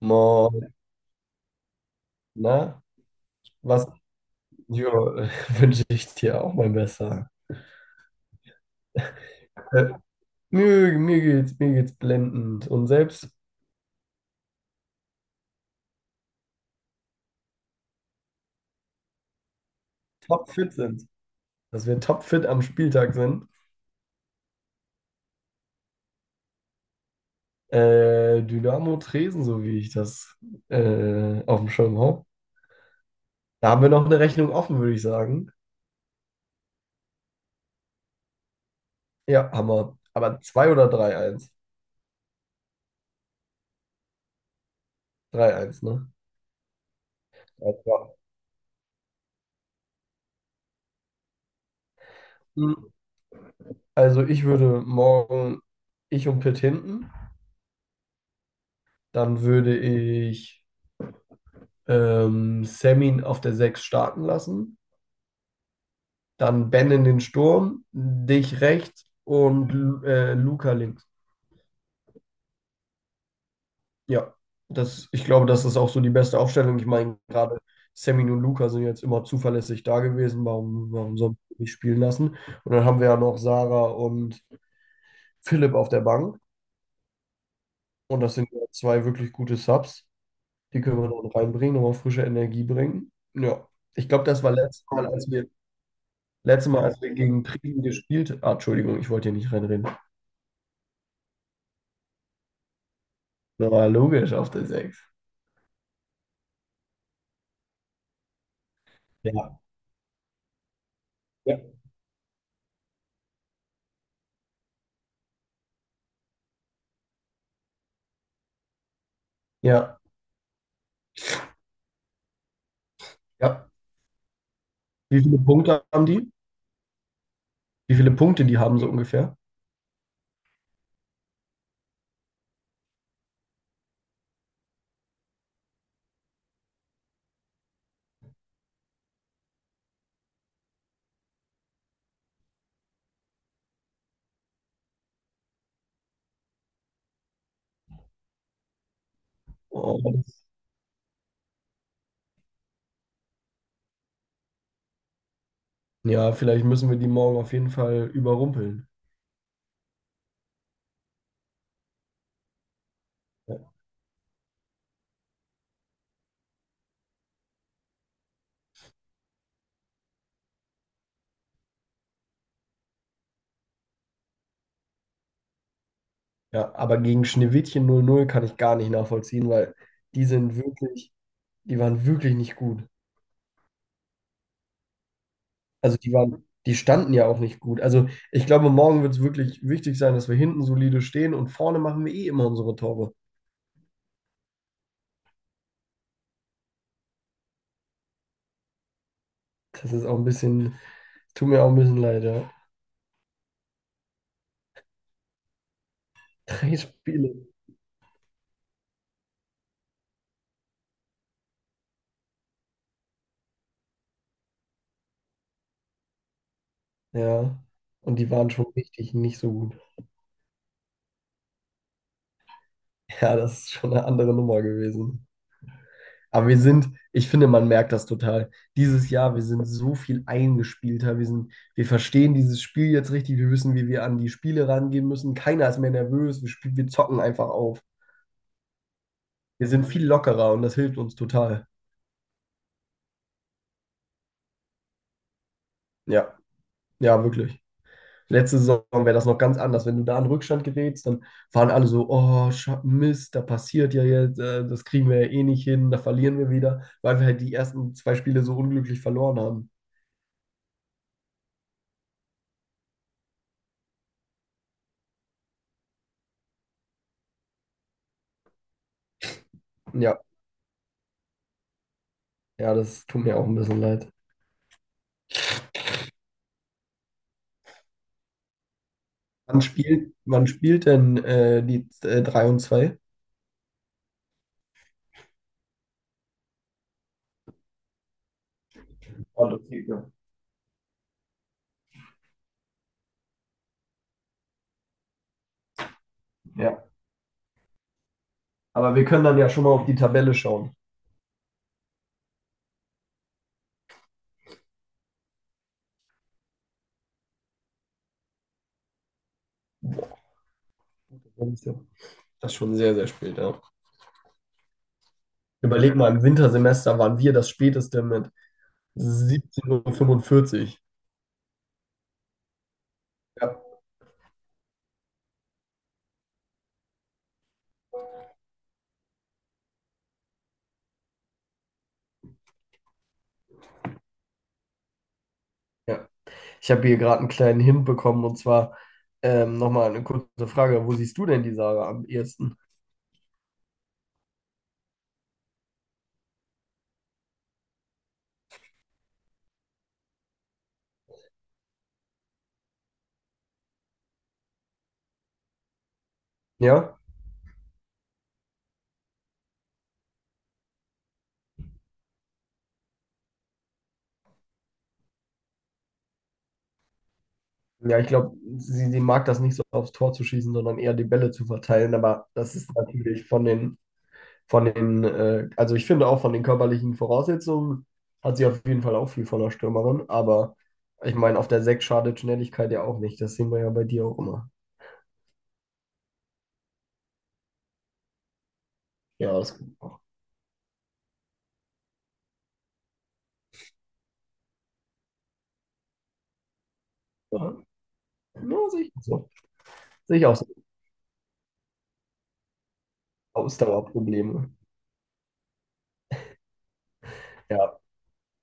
Moin, na, was jo, wünsche ich dir auch mal besser. Äh, mir geht's blendend. Und selbst? Topfit sind, dass wir topfit am Spieltag sind. Dynamo Dresden, so wie ich das auf dem Schirm habe. Da haben wir noch eine Rechnung offen, würde ich sagen. Ja, haben wir. Aber 2 oder 3:1, 3:1, ne? Ja, klar. Hm, Also ich würde morgen, ich und Pitt hinten, dann würde ich Semin auf der 6 starten lassen, dann Ben in den Sturm, dich rechts und Luca links. Ja, ich glaube, das ist auch so die beste Aufstellung. Ich meine, gerade Semin und Luca sind jetzt immer zuverlässig da gewesen. Warum soll man die nicht spielen lassen? Und dann haben wir ja noch Sarah und Philipp auf der Bank. Und das sind ja zwei wirklich gute Subs. Die können wir dann reinbringen, nochmal frische Energie bringen. Ja, ich glaube, das war letztes Mal, als wir letztes Mal, als wir gegen Trieben gespielt. Ah, Entschuldigung, ich wollte hier nicht reinreden. Na, war logisch auf der 6. Ja. Ja. Ja, ja. Wie viele Punkte haben die? Wie viele Punkte die haben so ungefähr? Und ja, vielleicht müssen wir die morgen auf jeden Fall überrumpeln. Ja, aber gegen Schneewittchen 0:0 kann ich gar nicht nachvollziehen, weil die sind wirklich, die waren wirklich nicht gut. Also die standen ja auch nicht gut. Also ich glaube, morgen wird es wirklich wichtig sein, dass wir hinten solide stehen und vorne machen wir eh immer unsere Tore. Das ist auch ein bisschen Tut mir auch ein bisschen leid, ja. Drei Spiele. Ja. Und die waren schon richtig nicht so gut. Ja, das ist schon eine andere Nummer gewesen. Aber wir sind, ich finde, man merkt das total. Dieses Jahr, wir sind so viel eingespielter. Wir verstehen dieses Spiel jetzt richtig. Wir wissen, wie wir an die Spiele rangehen müssen. Keiner ist mehr nervös. Wir zocken einfach auf. Wir sind viel lockerer und das hilft uns total. Ja, ja, wirklich. Letzte Saison wäre das noch ganz anders. Wenn du da in Rückstand gerätst, dann waren alle so, oh, Mist, da passiert ja jetzt, das kriegen wir ja eh nicht hin, da verlieren wir wieder, weil wir halt die ersten zwei Spiele so unglücklich verloren haben. Ja, ja, das tut mir auch ein bisschen leid. Wann spielt denn die 3 und zwei? Ah, das geht ja. Ja. Aber wir können dann ja schon mal auf die Tabelle schauen. Das ist ja- das ist schon sehr, sehr spät, ja. Überleg mal, im Wintersemester waren wir das späteste mit 17:45 Uhr fünfundvierzig. Ja. Ja. Ich habe hier gerade einen kleinen Hint bekommen und zwar nochmal eine kurze Frage. Wo siehst du denn die Sarah am ehesten? Ja? Ja, ich glaube, sie mag das nicht so, aufs Tor zu schießen, sondern eher die Bälle zu verteilen. Aber das ist natürlich also ich finde auch von den körperlichen Voraussetzungen hat sie auf jeden Fall auch viel von der Stürmerin. Aber ich meine, auf der Sechs schadet Schnelligkeit ja auch nicht. Das sehen wir ja bei dir auch immer. Ja, das ja, ja, sehe ich auch so. Sehe ich auch so. Ausdauerprobleme. Ja.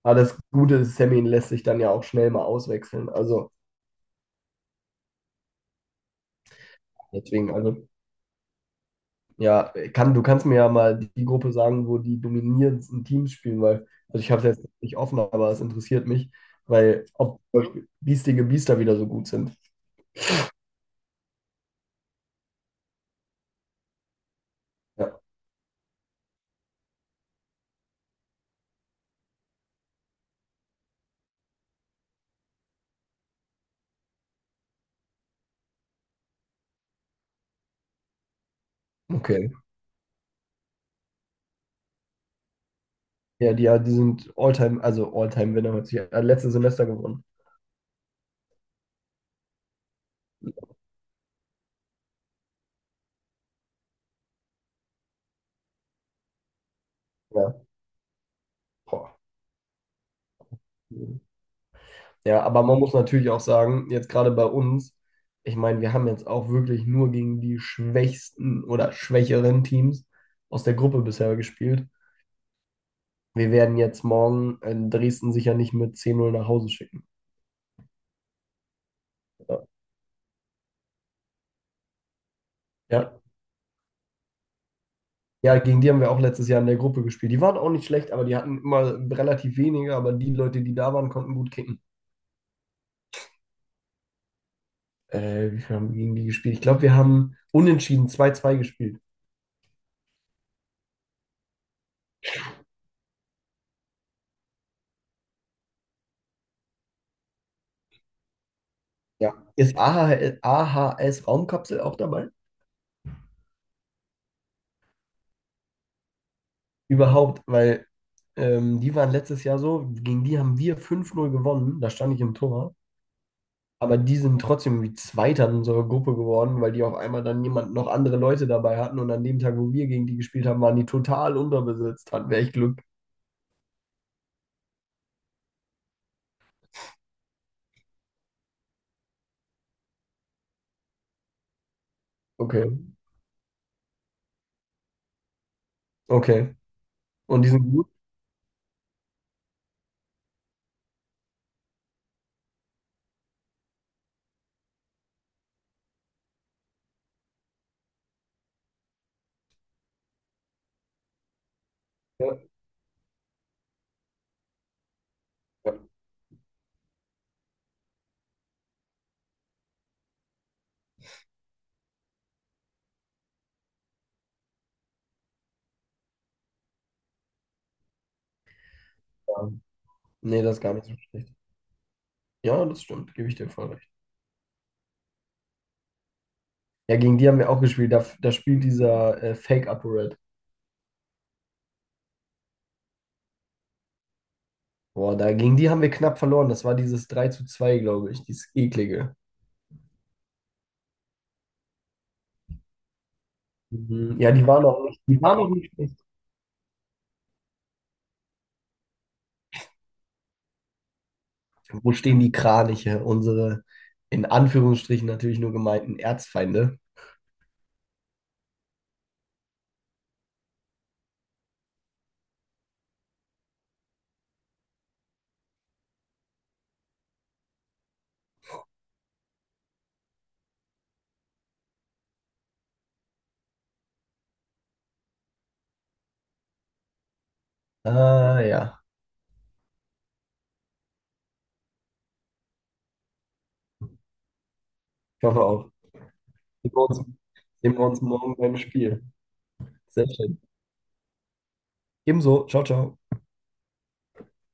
Aber das Gute ist, Sammy lässt sich dann ja auch schnell mal auswechseln. Also, deswegen, also, ja, du kannst mir ja mal die Gruppe sagen, wo die dominierendsten Teams spielen, weil, also ich habe es jetzt nicht offen, aber es interessiert mich, weil, ob zum Beispiel biestige Biester wieder so gut sind. Ja, okay. Ja, die sind Alltime, also Alltime-Winner, hat sich letztes Semester gewonnen. Ja, boah. Ja, aber man muss natürlich auch sagen, jetzt gerade bei uns, ich meine, wir haben jetzt auch wirklich nur gegen die schwächsten oder schwächeren Teams aus der Gruppe bisher gespielt. Wir werden jetzt morgen in Dresden sicher nicht mit 10-0 nach Hause schicken. Ja. Ja, ja, gegen die haben wir auch letztes Jahr in der Gruppe gespielt. Die waren auch nicht schlecht, aber die hatten immer relativ wenige, aber die Leute, die da waren, konnten gut kicken. Wie viel haben wir gegen die gespielt? Ich glaube, wir haben unentschieden 2-2 gespielt. Ja. Ist AHS Raumkapsel auch dabei? Überhaupt, weil die waren letztes Jahr so, gegen die haben wir 5:0 gewonnen, da stand ich im Tor. Aber die sind trotzdem wie Zweiter in unserer Gruppe geworden, weil die auf einmal dann jemand noch andere Leute dabei hatten. Und an dem Tag, wo wir gegen die gespielt haben, waren die total unterbesetzt. Hatten wir echt Glück. Okay, okay. Und die sind gut? Ja, ja, ja. Nee, das ist gar nicht so schlecht. Ja, das stimmt, gebe ich dir voll recht. Ja, gegen die haben wir auch gespielt. Da spielt dieser Fake Upper Red. Boah, da, gegen die haben wir knapp verloren. Das war dieses 3:2, glaube ich, dieses eklige. Mhm. Ja, die waren auch nicht schlecht. Wo stehen die Kraniche? Unsere, in Anführungsstrichen natürlich nur gemeinten Erzfeinde. Ah, ja. Ich hoffe auch. Sehen wir uns, sehen wir uns morgen beim Spiel. Sehr schön. Ebenso. Ciao, ciao.